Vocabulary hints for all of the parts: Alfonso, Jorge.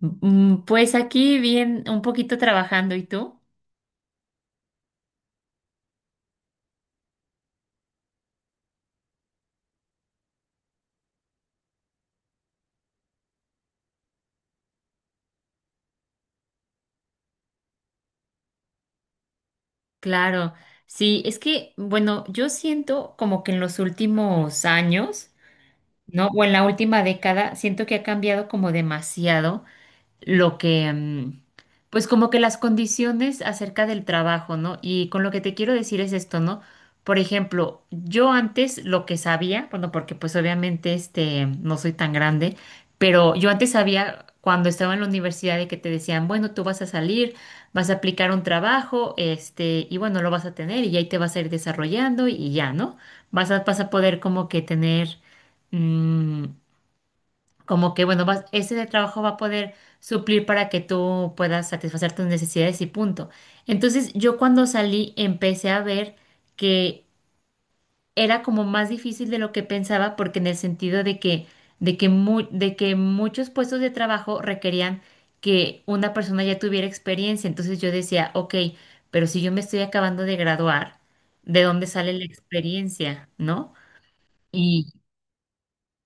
Pues aquí bien, un poquito trabajando, ¿y tú? Claro, sí, es que, bueno, yo siento como que en los últimos años, ¿no? O en la última década, siento que ha cambiado como demasiado lo que, pues como que las condiciones acerca del trabajo, ¿no? Y con lo que te quiero decir es esto, ¿no? Por ejemplo, yo antes lo que sabía, bueno, porque pues obviamente este, no soy tan grande, pero yo antes sabía cuando estaba en la universidad de que te decían, bueno, tú vas a salir, vas a aplicar un trabajo, este, y bueno, lo vas a tener y ahí te vas a ir desarrollando y ya, ¿no? Vas a poder como que tener mm, como que, bueno, vas, ese de trabajo va a poder suplir para que tú puedas satisfacer tus necesidades y punto. Entonces, yo cuando salí empecé a ver que era como más difícil de lo que pensaba, porque en el sentido de que, de que muchos puestos de trabajo requerían que una persona ya tuviera experiencia. Entonces yo decía, ok, pero si yo me estoy acabando de graduar, ¿de dónde sale la experiencia, no?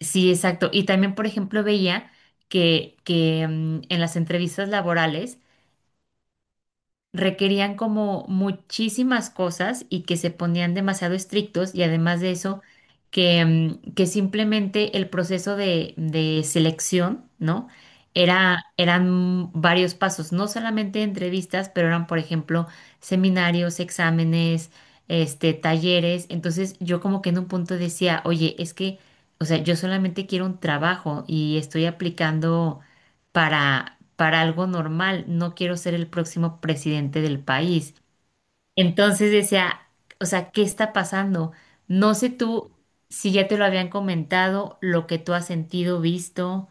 Sí, exacto. Y también, por ejemplo, veía que en las entrevistas laborales requerían como muchísimas cosas y que se ponían demasiado estrictos y además de eso que que simplemente el proceso de selección, ¿no? Eran varios pasos, no solamente entrevistas, pero eran, por ejemplo, seminarios, exámenes, este, talleres. Entonces yo como que en un punto decía, oye, es que, o sea, yo solamente quiero un trabajo y estoy aplicando para algo normal, no quiero ser el próximo presidente del país. Entonces decía, o sea, ¿qué está pasando? No sé tú si ya te lo habían comentado, lo que tú has sentido, visto.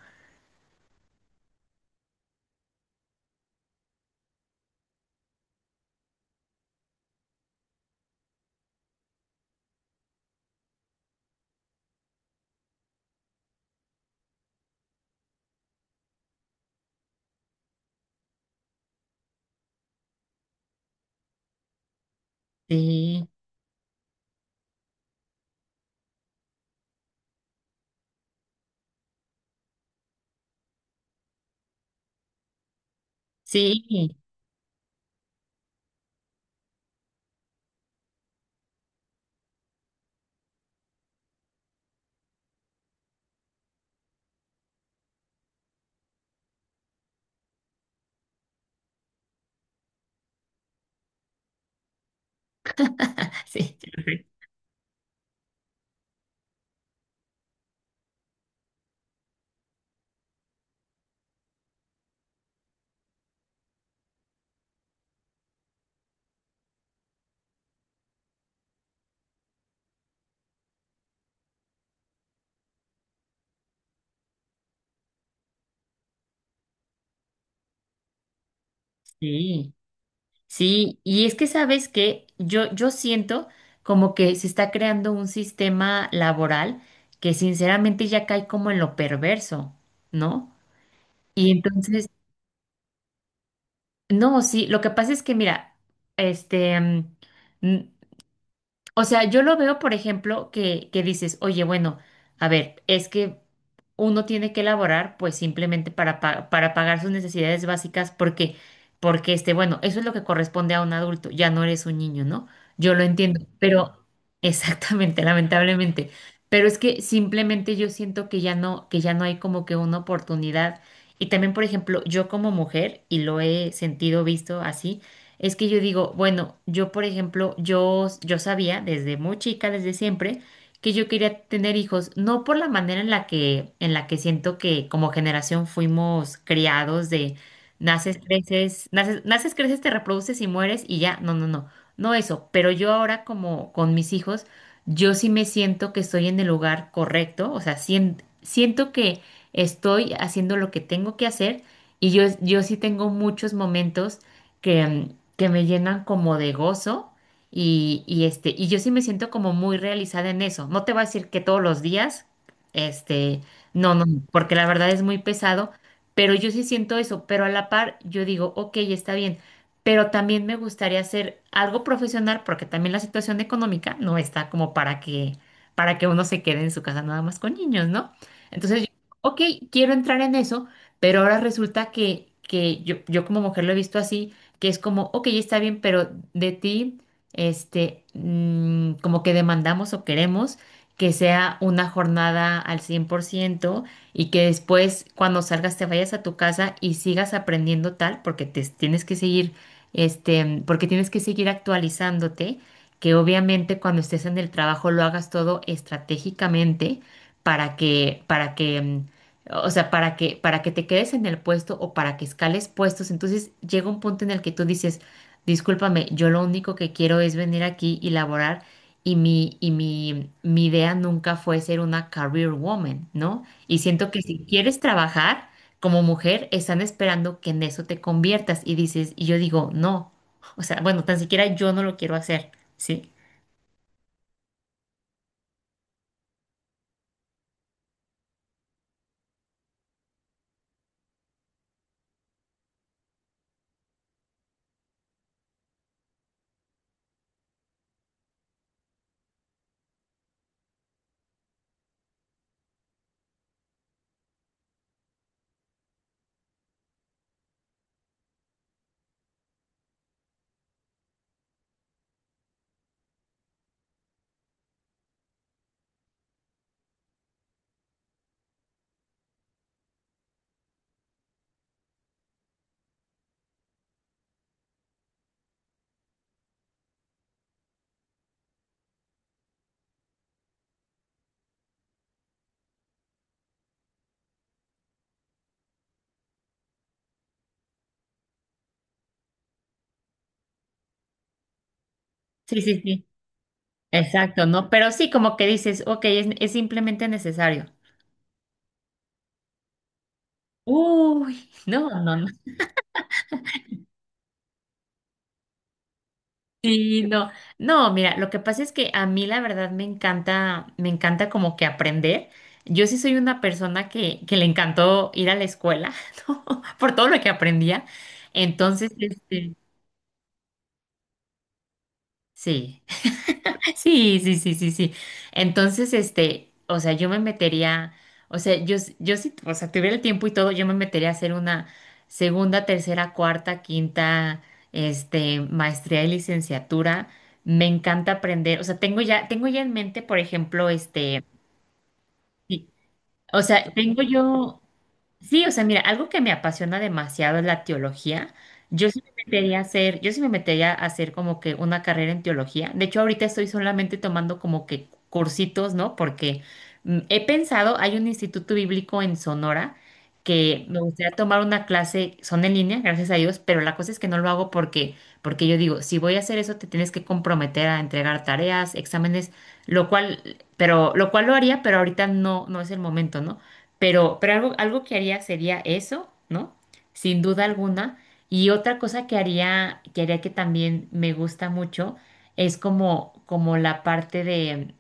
Sí, sí, sí, sí, sí. Y es que sabes que yo siento como que se está creando un sistema laboral que sinceramente ya cae como en lo perverso, ¿no? Y entonces... No, sí, lo que pasa es que, mira, este, mm, n- o sea, yo lo veo, por ejemplo, que dices, oye, bueno, a ver, es que uno tiene que elaborar, pues simplemente para pagar sus necesidades básicas, porque este, bueno, eso es lo que corresponde a un adulto, ya no eres un niño, ¿no? Yo lo entiendo, pero exactamente, lamentablemente. Pero es que simplemente yo siento que ya no hay como que una oportunidad. Y también, por ejemplo, yo como mujer, y lo he sentido, visto así, es que yo digo, bueno, yo por ejemplo, yo sabía desde muy chica, desde siempre, que yo quería tener hijos, no por la manera en la que siento que como generación fuimos criados de naces, creces, naces, naces, creces, te reproduces y mueres y ya, no, no, no, no eso, pero yo ahora como con mis hijos, yo sí me siento que estoy en el lugar correcto, o sea, siento que estoy haciendo lo que tengo que hacer y yo sí tengo muchos momentos que, que me llenan como de gozo y, este, y yo sí me siento como muy realizada en eso. No te voy a decir que todos los días, este, no, no, no, porque la verdad es muy pesado, pero yo sí siento eso, pero a la par yo digo, ok, está bien, pero también me gustaría hacer algo profesional porque también la situación económica no está como para que uno se quede en su casa nada más con niños, ¿no? Entonces yo, ok, quiero entrar en eso, pero ahora resulta que yo como mujer lo he visto así que es como, ok, está bien, pero de ti, como que demandamos o queremos que sea una jornada al 100% y que después cuando salgas te vayas a tu casa y sigas aprendiendo tal, porque te tienes que seguir, este, porque tienes que seguir actualizándote, que obviamente cuando estés en el trabajo lo hagas todo estratégicamente para que o sea, para que te quedes en el puesto o para que escales puestos, entonces llega un punto en el que tú dices, discúlpame, yo lo único que quiero es venir aquí y laborar y mi idea nunca fue ser una career woman, ¿no? Y siento que si quieres trabajar como mujer, están esperando que en eso te conviertas y dices, y yo digo, no, o sea, bueno, tan siquiera yo no lo quiero hacer, ¿sí? Sí, sí, sí. Exacto, ¿no? Pero sí, como que dices, ok, es simplemente necesario. Uy, no, no, no. Sí, no. No, mira, lo que pasa es que a mí la verdad me encanta como que aprender. Yo sí soy una persona que le encantó ir a la escuela, ¿no? Por todo lo que aprendía. Entonces, este, sí. Sí, sí, sí, sí, sí. Entonces, este, o sea, yo me metería, o sea, yo sí, o sea, tuviera el tiempo y todo, yo me metería a hacer una segunda, tercera, cuarta, quinta, este, maestría y licenciatura. Me encanta aprender, o sea, tengo ya en mente, por ejemplo, este, sí, o sea, tengo yo sí, o sea, mira, algo que me apasiona demasiado es la teología. Yo sí me metería a hacer, yo sí me metería a hacer como que una carrera en teología. De hecho, ahorita estoy solamente tomando como que cursitos, ¿no? Porque he pensado, hay un instituto bíblico en Sonora que me gustaría tomar una clase, son en línea, gracias a Dios, pero la cosa es que no lo hago porque yo digo, si voy a hacer eso, te tienes que comprometer a entregar tareas, exámenes, lo cual, pero, lo cual lo haría, pero ahorita no, no es el momento, ¿no? Pero algo, algo que haría sería eso, ¿no? Sin duda alguna. Y otra cosa que haría, que haría que también me gusta mucho, es como, como la parte de,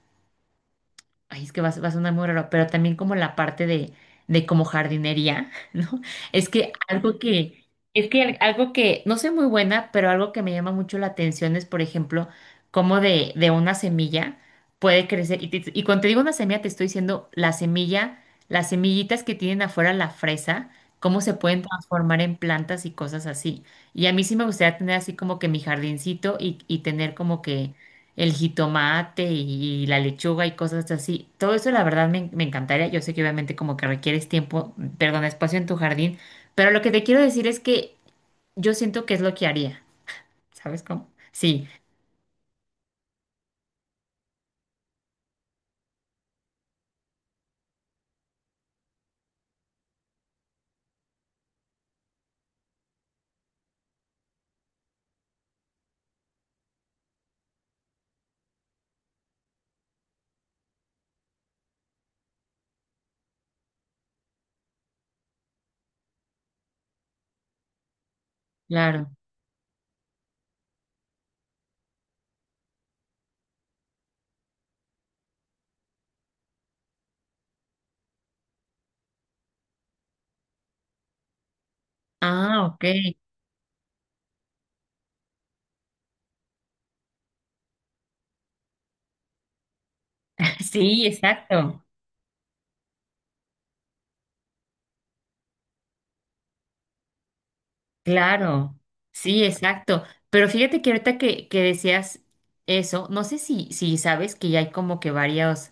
ay, es que va, a va a sonar muy raro, pero también como la parte de como jardinería, ¿no? Es que algo que, es que algo que, no soy muy buena, pero algo que me llama mucho la atención es, por ejemplo, cómo de una semilla puede crecer. Y, y cuando te digo una semilla, te estoy diciendo la semilla, las semillitas que tienen afuera la fresa, cómo se pueden transformar en plantas y cosas así. Y a mí sí me gustaría tener así como que mi jardincito y tener como que el jitomate y la lechuga y cosas así. Todo eso la verdad me, me encantaría. Yo sé que obviamente como que requieres tiempo, perdón, espacio en tu jardín, pero lo que te quiero decir es que yo siento que es lo que haría. ¿Sabes cómo? Sí, claro. Ah, ok. Sí, exacto. Claro, sí, exacto. Pero fíjate que ahorita que decías eso, no sé si, si sabes que ya hay como que varios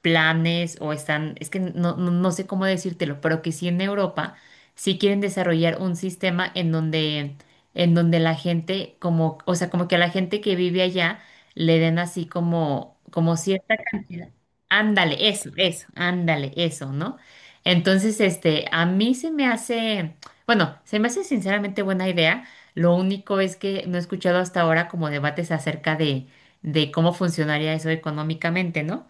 planes o están, es que no, no, no sé cómo decírtelo, pero que sí en Europa sí quieren desarrollar un sistema en donde la gente como, o sea, como que a la gente que vive allá le den así como, como cierta cantidad. Ándale, eso, ándale, eso, ¿no? Entonces, este, a mí se me hace. Bueno, se me hace sinceramente buena idea. Lo único es que no he escuchado hasta ahora como debates acerca de cómo funcionaría eso económicamente, ¿no?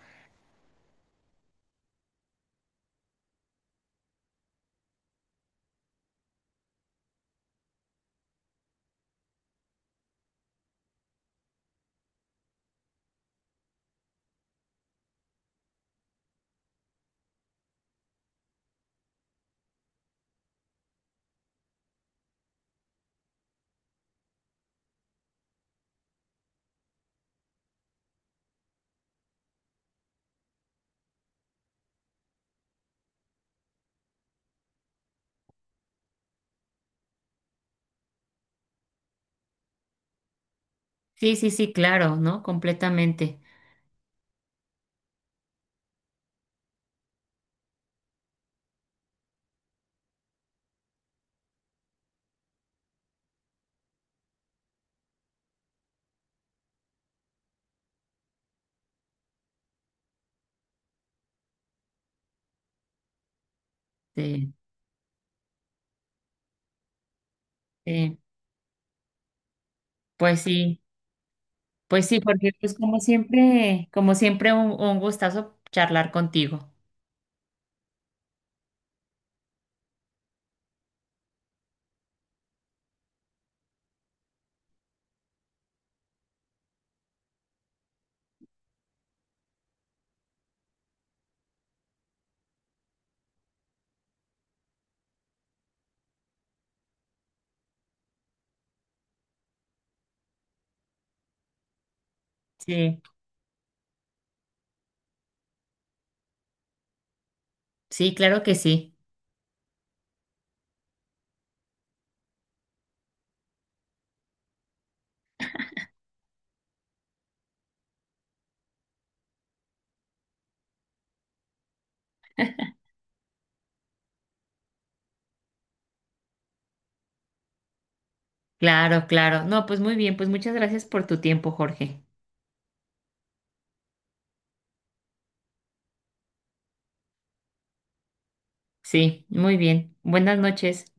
Sí, sí, sí, claro, ¿no? Completamente. Sí, sí. Pues sí, pues sí, porque pues como siempre un gustazo charlar contigo. Sí, sí, claro que sí. Claro, claro. No, pues muy bien, pues muchas gracias por tu tiempo, Jorge. Sí, muy bien. Buenas noches.